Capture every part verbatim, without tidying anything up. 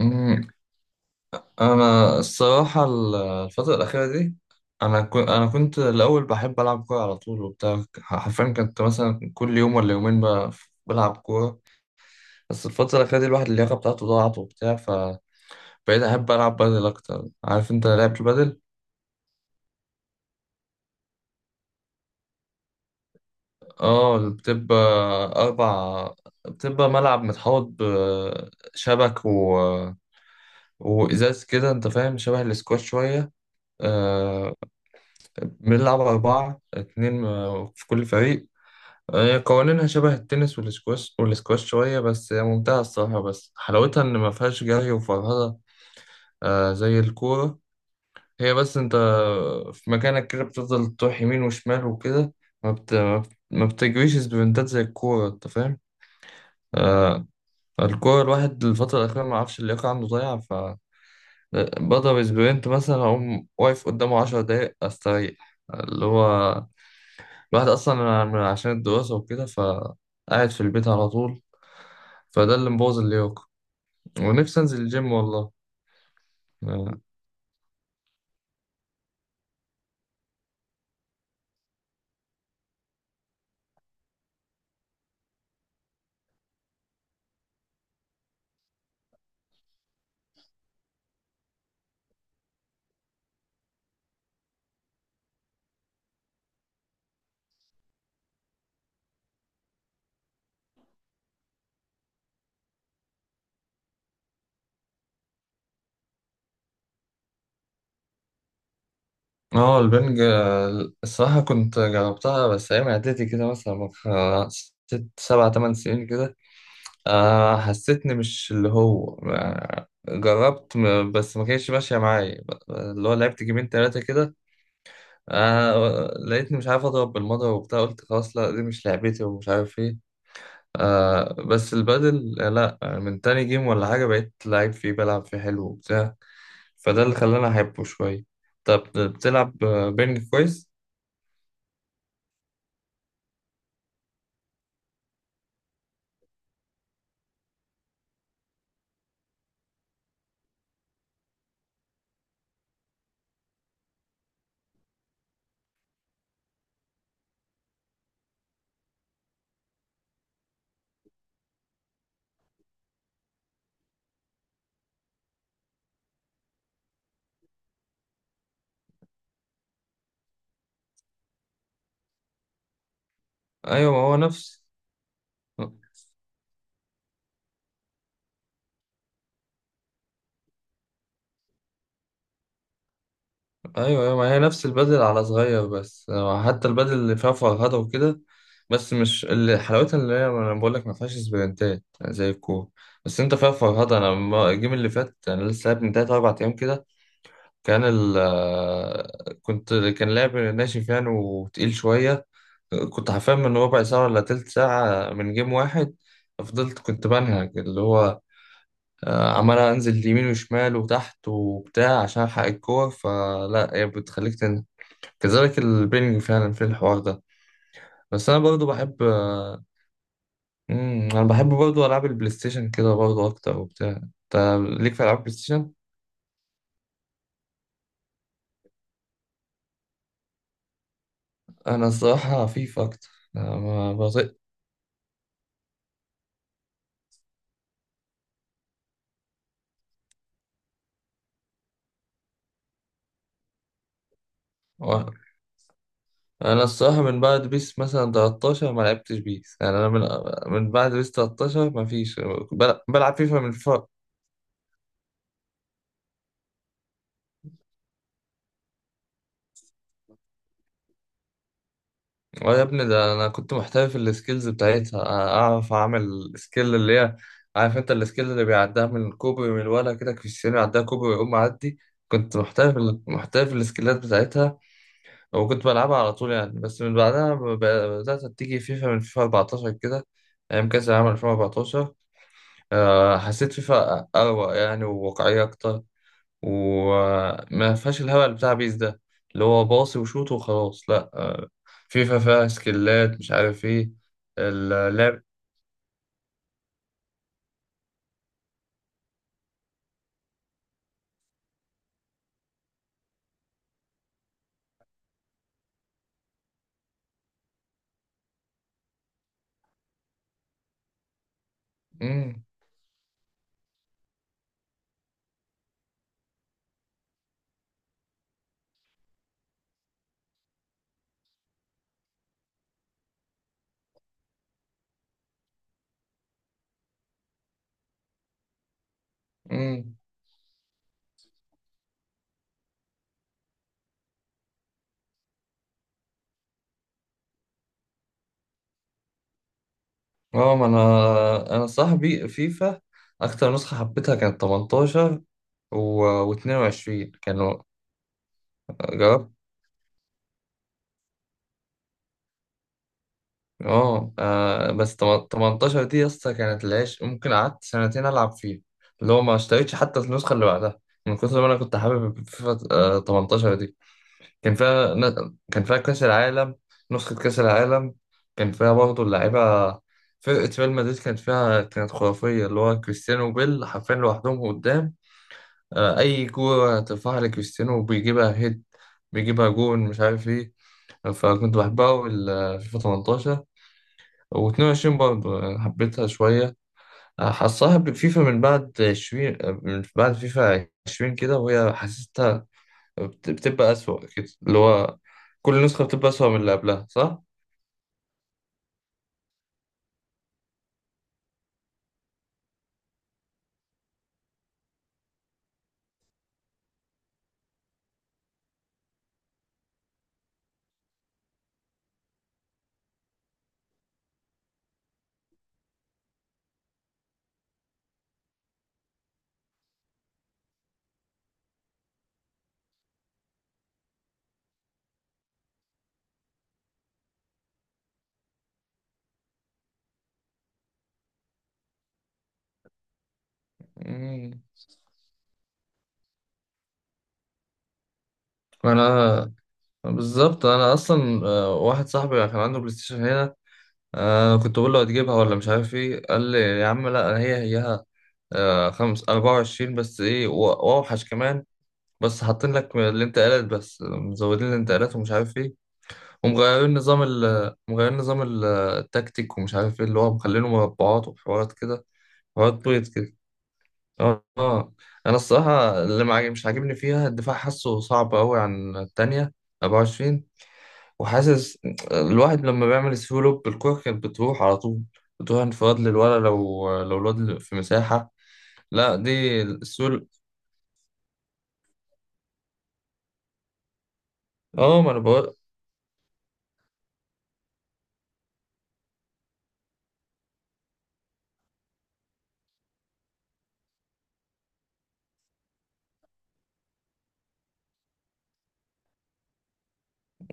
أمم، انا الصراحه ال- الفتره الاخيره دي. انا كو- انا كنت الاول بحب العب كوره على طول وبتاع. حرفيا كنت مثلا كل يوم ولا يومين ب- بلعب كوره. بس الفتره الاخيره دي الواحد اللياقه بتاعته ضاعت وبتاع، فبقيت احب العب بدل اكتر. عارف انت لعبة البدل؟ اه، بتبقى اربع. بتبقى ملعب متحوط بشبك و... وازاز كده، انت فاهم؟ شبه الاسكواش شويه. آه. بنلعب أربعة اتنين آه، في كل فريق. آه، هي قوانينها شبه التنس والسكواش، والسكواش شوية، بس هي ممتعة الصراحة. بس حلاوتها إن ما فيهاش جري وفرهدة، آه، زي الكورة. هي بس أنت في مكانك كده بتفضل تروح يمين وشمال وكده. ما, بت... ما بت- ما بتجريش سبرنتات زي الكورة، أنت فاهم؟ آه. الكورة الواحد الفترة الأخيرة ما عرفش، اللياقة عنده ضايعة، ف بضرب سبرنت مثلا، أقوم واقف قدامه عشر دقايق أستريح. اللي هو الواحد أصلا عشان الدراسة وكده فقاعد في البيت على طول، فده اللي مبوظ اللياقة. ونفسي أنزل الجيم والله. اه، البنج. آه، الصراحة كنت جربتها بس أيام إعدادي كده، مثلا من خ- ست سبع تمن سنين كده. آه، حسيتني مش اللي هو، آه، جربت م- بس ما كانتش ماشية معايا. ب- اللي هو لعبت جيمين تلاتة كده. آه، لقيتني مش عارف أضرب بالمضرب وبتاع، قلت خلاص لا، دي مش لعبتي ومش عارف إيه. آه، بس البادل، آه، لا، آه، من تاني جيم ولا حاجة بقيت لعيب فيه، بلعب فيه حلو وبتاع. فده اللي خلاني أحبه شوية. طب بتلعب بينج كويس؟ أيوة، ما هو نفس. أيوة، أيوة، ما هي نفس البدل على صغير بس. حتى البدل اللي فيها فرهدة وكده، بس مش اللي حلاوتها، اللي هي أنا بقول لك ما فيهاش سبرنتات زي الكورة، بس أنت فيها فرهدة. أنا الم- الجيم اللي فات أنا لسه لعب من تلات أربع أيام كده. كان ال كنت كان لعب ناشف يعني وتقيل شوية. كنت حرفيا من ربع ساعة ولا تلت ساعة من جيم واحد، فضلت كنت بنهج. اللي هو آه، عمال انزل يمين وشمال وتحت وبتاع عشان الحق الكور. فلا، هي بتخليك تنزل كذلك البينج فعلا في الحوار ده. بس انا برضو بحب، آه، مم، انا بحب برضو العاب البلاي ستيشن كده برضو اكتر وبتاع. انت ليك في العاب بلاي ستيشن؟ انا الصراحه فيفا اكتر. أنا ما بطيق. و- انا الصراحه من بعد بيس مثلا ثلاثة عشر ما لعبتش بيس. يعني انا من، من بعد بيس تلتاشر ما فيش، بل- بلعب فيفا من. اه يا ابني، ده انا كنت محترف في السكيلز بتاعتها. اعرف اعمل سكيل اللي هي، عارف انت السكيل اللي بيعديها من الكوبري، من الولا كده كريستيانو يعديها كوبري ويقوم معدي. كنت محترف، محترف السكيلات بتاعتها. وكنت بلعبها على طول يعني. بس من بعدها ب- بدأت تيجي فيفا من فيفا اربعتاشر كده، أيام كأس العالم ألفين واربعتاشر. آه، حسيت فيفا أروق يعني وواقعية أكتر، وما فيهاش الهبل بتاع بيس ده، اللي هو باصي وشوط وخلاص. لا، آه، فيفا فيها سكيلات مش عارف ايه اللعب. امم امم اه، ما انا انا صاحبي فيفا. اكتر نسخة حبيتها كانت تمنتاشر و اتنين وعشرين كانوا. جربت، اه آه، بس تم- ثمانية عشر دي يا اسطى كانت العيش، ممكن قعدت سنتين العب فيها. اللي هو ما اشتريتش حتى النسخة اللي بعدها من كتر ما انا كنت حابب فيفا آه، تمنتاشر. كان فيها ن- كان فيها كأس العالم، نسخة كأس العالم. كان فيها برضه اللعيبة، فرقة ريال مدريد كانت فيها، كانت خرافية اللي هو كريستيانو وبيل حرفيا لوحدهم قدام. آه، أي كورة ترفعها لكريستيانو بيجيبها هيد، بيجيبها جون، مش عارف إيه. فكنت بحبها أوي ال- فيفا تمنتاشر. و22 برضه يعني حبيتها شوية. آه، حصلها بفيفا من بعد عشرين، آه، من بعد فيفا عشرين كده وهي حسيت بت- بتبقى أسوأ كده. اللي هو كل نسخة بتبقى أسوأ من اللي قبلها، صح؟ مم. أنا بالظبط، أنا أصلا آه، واحد صاحبي كان عنده بلاي ستيشن هنا. آه، كنت بقول له هتجيبها ولا مش عارف إيه، قال لي: يا عم لا، هي هيها. آه، خمس أربعة وعشرين، بس إيه؟ و- وأوحش كمان. بس حاطين لك الانتقالات، بس مزودين الانتقالات ومش عارف ايه. ومغيرين نظام ال مغيرين نظام ال- آه، التكتيك، ومش عارف ايه، اللي هو مخلينه مربعات وحوارات كده، حوارات بيض كده. اه، آه. انا الصراحه اللي ما عاجب- مش عاجبني فيها الدفاع، حاسه صعب قوي عن التانية أربعة وعشرين. وحاسس الواحد لما بيعمل سلو لوب الكوره كانت بتروح على طول، بتروح انفراد للولا، لو لو الواد في مساحه. لا، دي السول. اه، ما انا.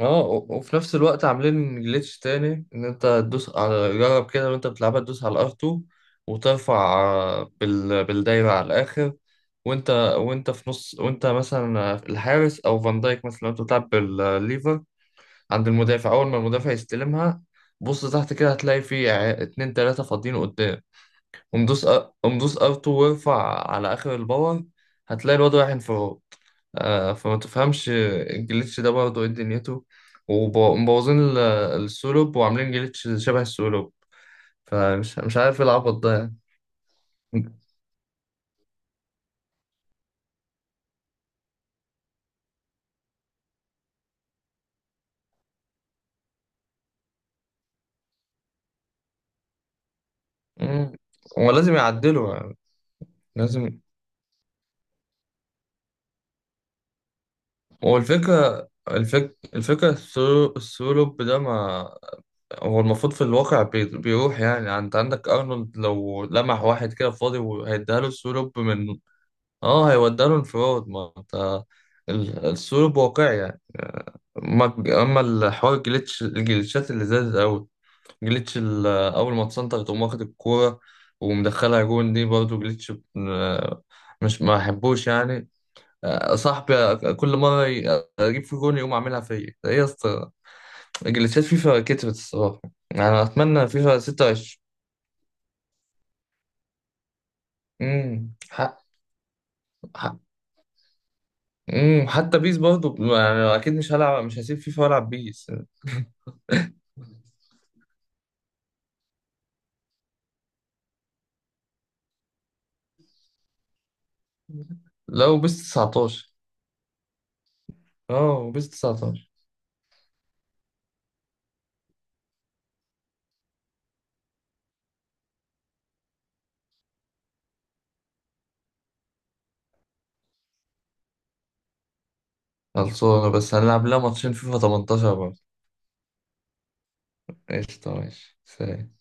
اه، و- وفي نفس الوقت عاملين جليتش تاني، ان انت تدوس على جرب كده وانت بتلعبها، تدوس على ار2 وترفع آه، بال... بالدايرة على الاخر، وانت وانت في نص، وانت مثلا آه، الحارس او فان دايك مثلا لو انت بتلعب بالليفر، عند المدافع اول ما المدافع يستلمها بص تحت كده هتلاقي في ع- اتنين تلاتة فاضيين قدام. قوم دوس أ- قوم دوس ار2 وارفع على اخر الباور، هتلاقي الواد رايح انفراد. آه فما تفهمش الجليتش ده برضه ايه دنيته. ومبوظين ال- السولوب، وعاملين جليتش شبه السولوب. فمش مش عارف ايه العبط ده يعني. مم. هو لازم يعدله يعني. لازم. هو الفكرة، الفك... الفكرة السولو- السولوب ده، ما هو المفروض في الواقع بي... بيروح. يعني انت عندك ارنولد، لو لمح واحد كده فاضي وهيديها له السولوب من، اه، هيودي له انفراد. ما انت ال- السلوك واقعي يعني. اما اما الحوار، الجليتش الجليتشات اللي زادت قوي. جليتش ال- اول ما تسنتر تقوم واخد الكوره ومدخلها جون، دي برضه جليتش. ب- مش ما احبوش يعني. آه، صاحبي كل مره ي- اجيب في جون يقوم عاملها فيا. ايه يا اسطى، الجليتشات فيفا كترت الصراحه. يعني اتمنى فيفا ستة وعشرين. امم حق، حق. امم حتى بيس برضه، يعني اكيد مش هلعب، مش هسيب فيفا والعب بيس. لا، وبيس تسعتاشر. اه، وبيس تسعتاشر خلصانة. بس هنلعب لها ماتشين فيفا تمنتاشر برضه. قشطة، ماشي، سلام.